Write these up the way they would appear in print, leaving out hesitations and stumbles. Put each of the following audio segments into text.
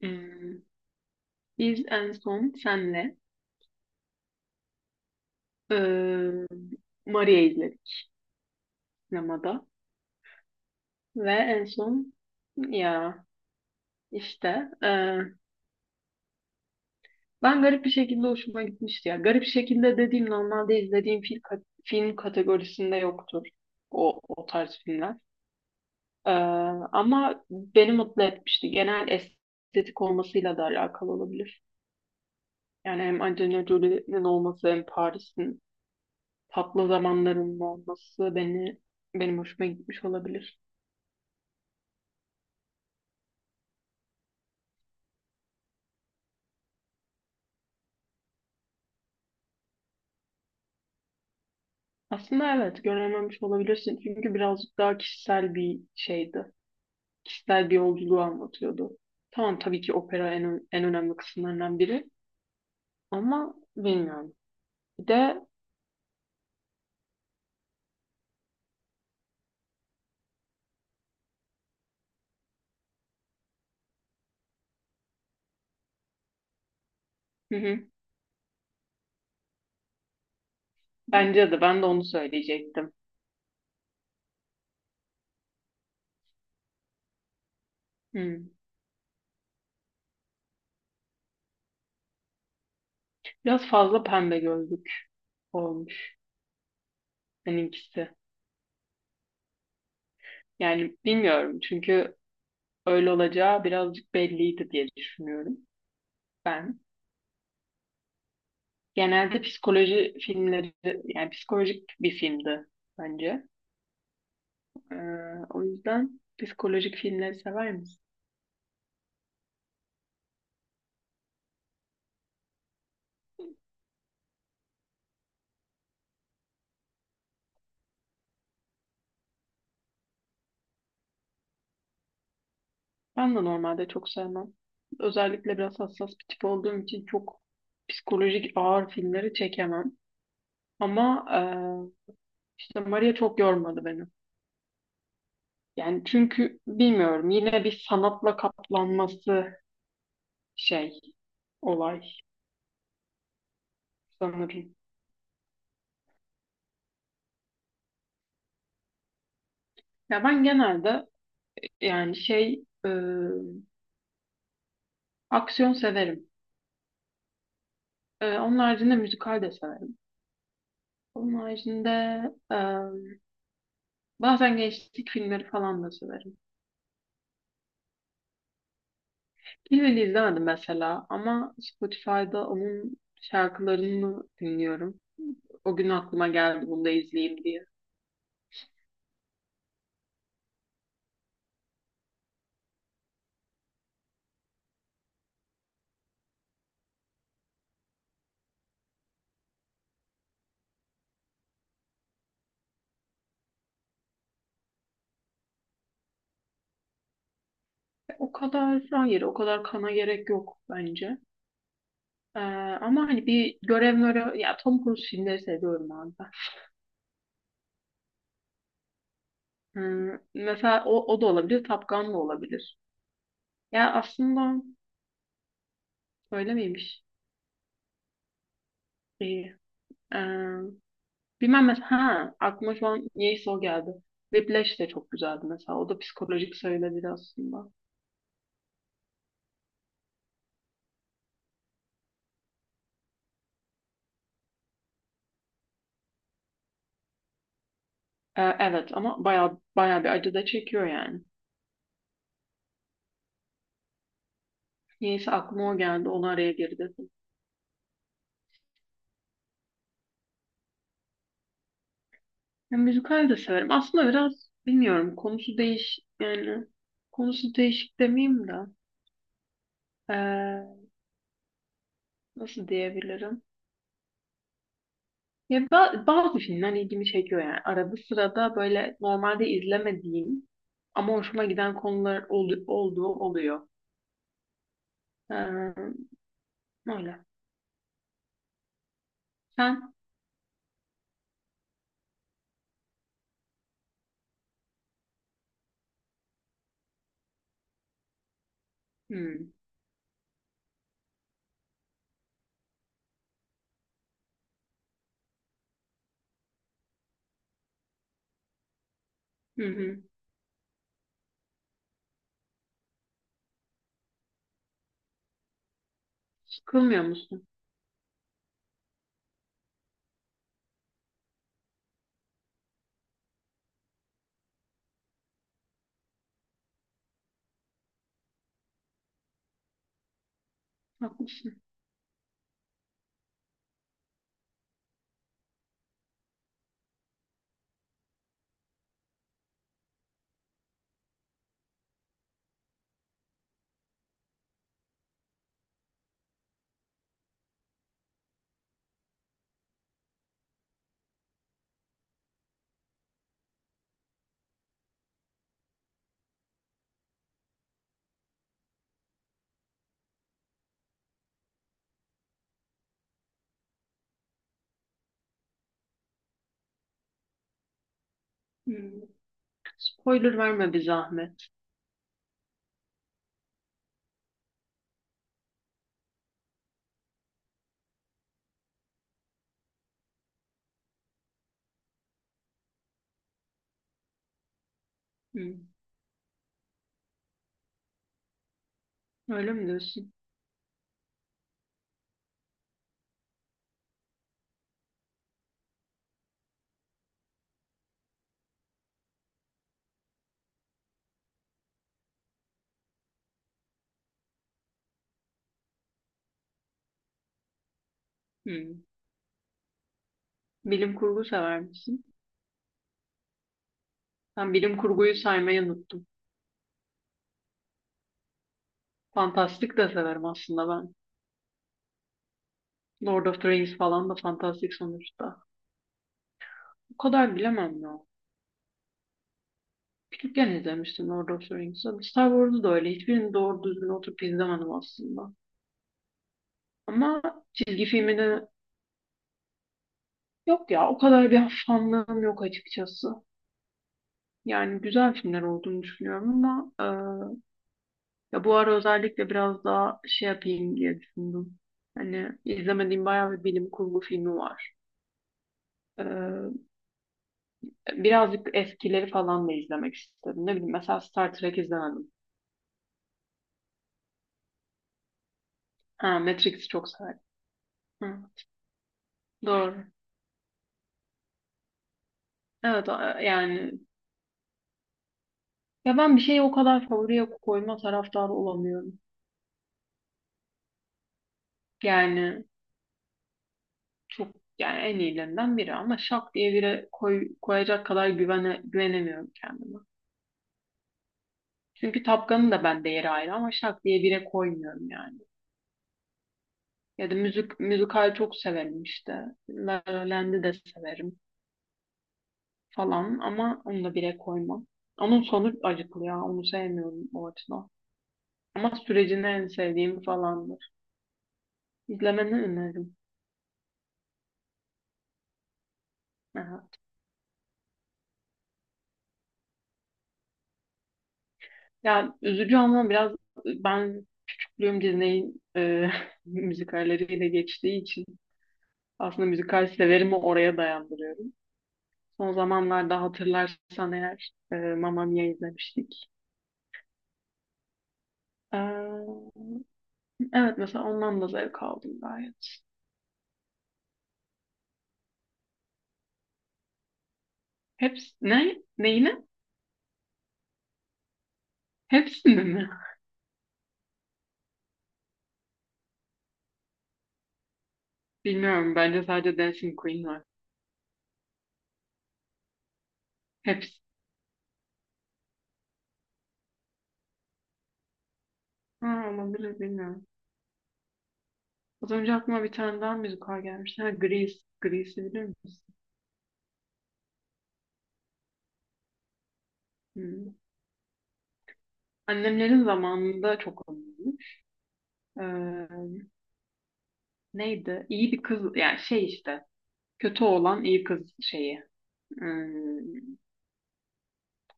Ee, biz en son senle e, Maria izledik sinemada ve en son ya işte e, ben garip bir şekilde hoşuma gitmişti ya. Garip şekilde dediğim normalde izlediğim film, film kategorisinde yoktur o tarz filmler. E, ama beni mutlu etmişti. Genel estetik olmasıyla da alakalı olabilir. Yani hem Angelina Jolie'nin olması hem Paris'in tatlı zamanlarının olması benim hoşuma gitmiş olabilir. Aslında evet görememiş olabilirsin çünkü birazcık daha kişisel bir şeydi. Kişisel bir yolculuğu anlatıyordu. Tamam, tabii ki opera en önemli kısımlarından biri ama bilmiyorum. Bir de hı hı, bence de ben de onu söyleyecektim. Hı. Biraz fazla pembe gözlük olmuş benimkisi. Yani bilmiyorum çünkü öyle olacağı birazcık belliydi diye düşünüyorum ben. Genelde psikoloji filmleri, yani psikolojik bir filmdi bence. Ee, o yüzden psikolojik filmleri sever misin? Ben de normalde çok sevmem. Özellikle biraz hassas bir tip olduğum için çok psikolojik ağır filmleri çekemem. Ama işte Maria çok yormadı beni. Yani çünkü bilmiyorum yine bir sanatla kaplanması şey, olay sanırım. Ya ben genelde yani şey aksiyon severim. Onun haricinde müzikal de severim. Onun haricinde em, bazen gençlik filmleri falan da severim. Kilveli izlemedim mesela ama Spotify'da onun şarkılarını dinliyorum. O gün aklıma geldi bunu da izleyeyim diye. O kadar hayır, o kadar kana gerek yok bence. Ee, ama hani bir görev mörev, ya Tom Cruise filmleri seviyorum abi, ben. Mesela o da olabilir, Top Gun da olabilir. Ya aslında. Öyle miymiş? İyi. Ee, bilmem mesela. Ha, aklıma şu an niyeyse o geldi. Whiplash de çok güzeldi mesela. O da psikolojik söyledir aslında. Evet ama bayağı bayağı bir acı da çekiyor yani. Niyeyse aklıma o geldi. Onu araya geri dedim. Ya, müzikal de severim. Aslında biraz bilmiyorum. Konusu değiş yani konusu değişik demeyeyim de ee, nasıl diyebilirim? Ya bazı filmler ilgimi çekiyor yani. Arada sırada böyle normalde izlemediğim ama hoşuma giden konular olduğu oluyor. Ee, öyle. Sen? Hmm. Hı hı. Sıkılmıyor musun? Haklısın. Hmm. Spoiler verme bir zahmet. Hmm. Öyle mi diyorsun? Hmm. Bilim kurgu sever misin? Ben bilim kurguyu saymayı unuttum. Fantastik de severim aslında ben. Lord of the Rings falan da fantastik sonuçta. O kadar bilemem ya. Küçükken izlemiştim Lord of the Rings'i. Star Wars'u da öyle. Hiçbirini doğru düzgün oturup izlemedim aslında. Ama çizgi filmini yok ya, o kadar bir fanlığım yok açıkçası. Yani güzel filmler olduğunu düşünüyorum ama ya bu ara özellikle biraz daha şey yapayım diye düşündüm. Hani izlemediğim bayağı bir bilim kurgu filmi var. E, birazcık eskileri falan da izlemek istedim. Ne bileyim, mesela Star Trek izlemedim. Ha, Matrix'i çok severim. Hı, doğru. Evet yani ya ben bir şeyi o kadar favoriye koyma taraftarı olamıyorum. Yani çok yani en iyilerinden biri ama şak diye biri koyacak kadar güvenemiyorum kendime. Çünkü Tapkan'ın da bende yeri ayrı ama şak diye bire koymuyorum yani. Ya da müzikal çok severim işte. La La Land'i de severim falan ama onu da bire koymam. Onun sonu acıklı ya. Onu sevmiyorum o açıdan. Ama sürecini en sevdiğim falandır. İzlemeni öneririm. Aha. Ya üzücü ama biraz ben Bloom Disney'in müzikalleriyle geçtiği için aslında müzikal severimi oraya dayandırıyorum. Son zamanlarda hatırlarsan eğer Mamma Mia izlemiştik. E, evet, mesela ondan da zevk aldım gayet. Hepsi ne? Neyine? Hepsini mi? Bilmiyorum. Bence sadece Dancing Queen var. Hepsi. Ha, olabilir, bilmiyorum. Az önce aklıma bir tane daha müzikal gelmişti. Ha, Grease. Grease'i bilir misin? Hmm. Annemlerin zamanında çok ünlüymüş. Ee, Neydi? İyi bir kız, yani şey işte kötü olan iyi kız şeyi hmm,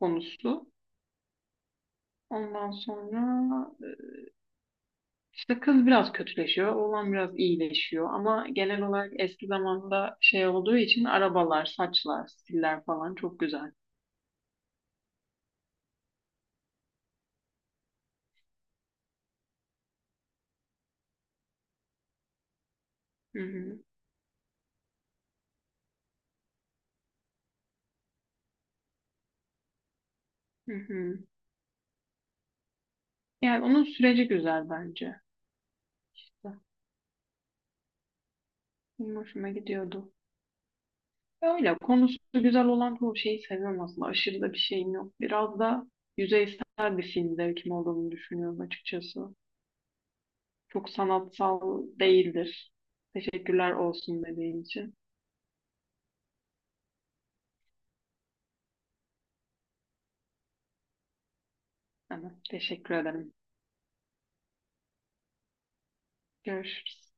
konusu. Ondan sonra işte kız biraz kötüleşiyor, oğlan biraz iyileşiyor ama genel olarak eski zamanda şey olduğu için arabalar, saçlar, stiller falan çok güzel. Hı hı, hı hı. Yani onun süreci güzel bence. İşte benim hoşuma gidiyordu. Öyle konusu güzel olan çoğu şeyi seviyorum aslında. Aşırı da bir şeyim yok. Biraz da yüzeysel bir film zevkim olduğunu düşünüyorum açıkçası. Çok sanatsal değildir. Teşekkürler, olsun dediğin için. Ama teşekkür ederim. Görüşürüz.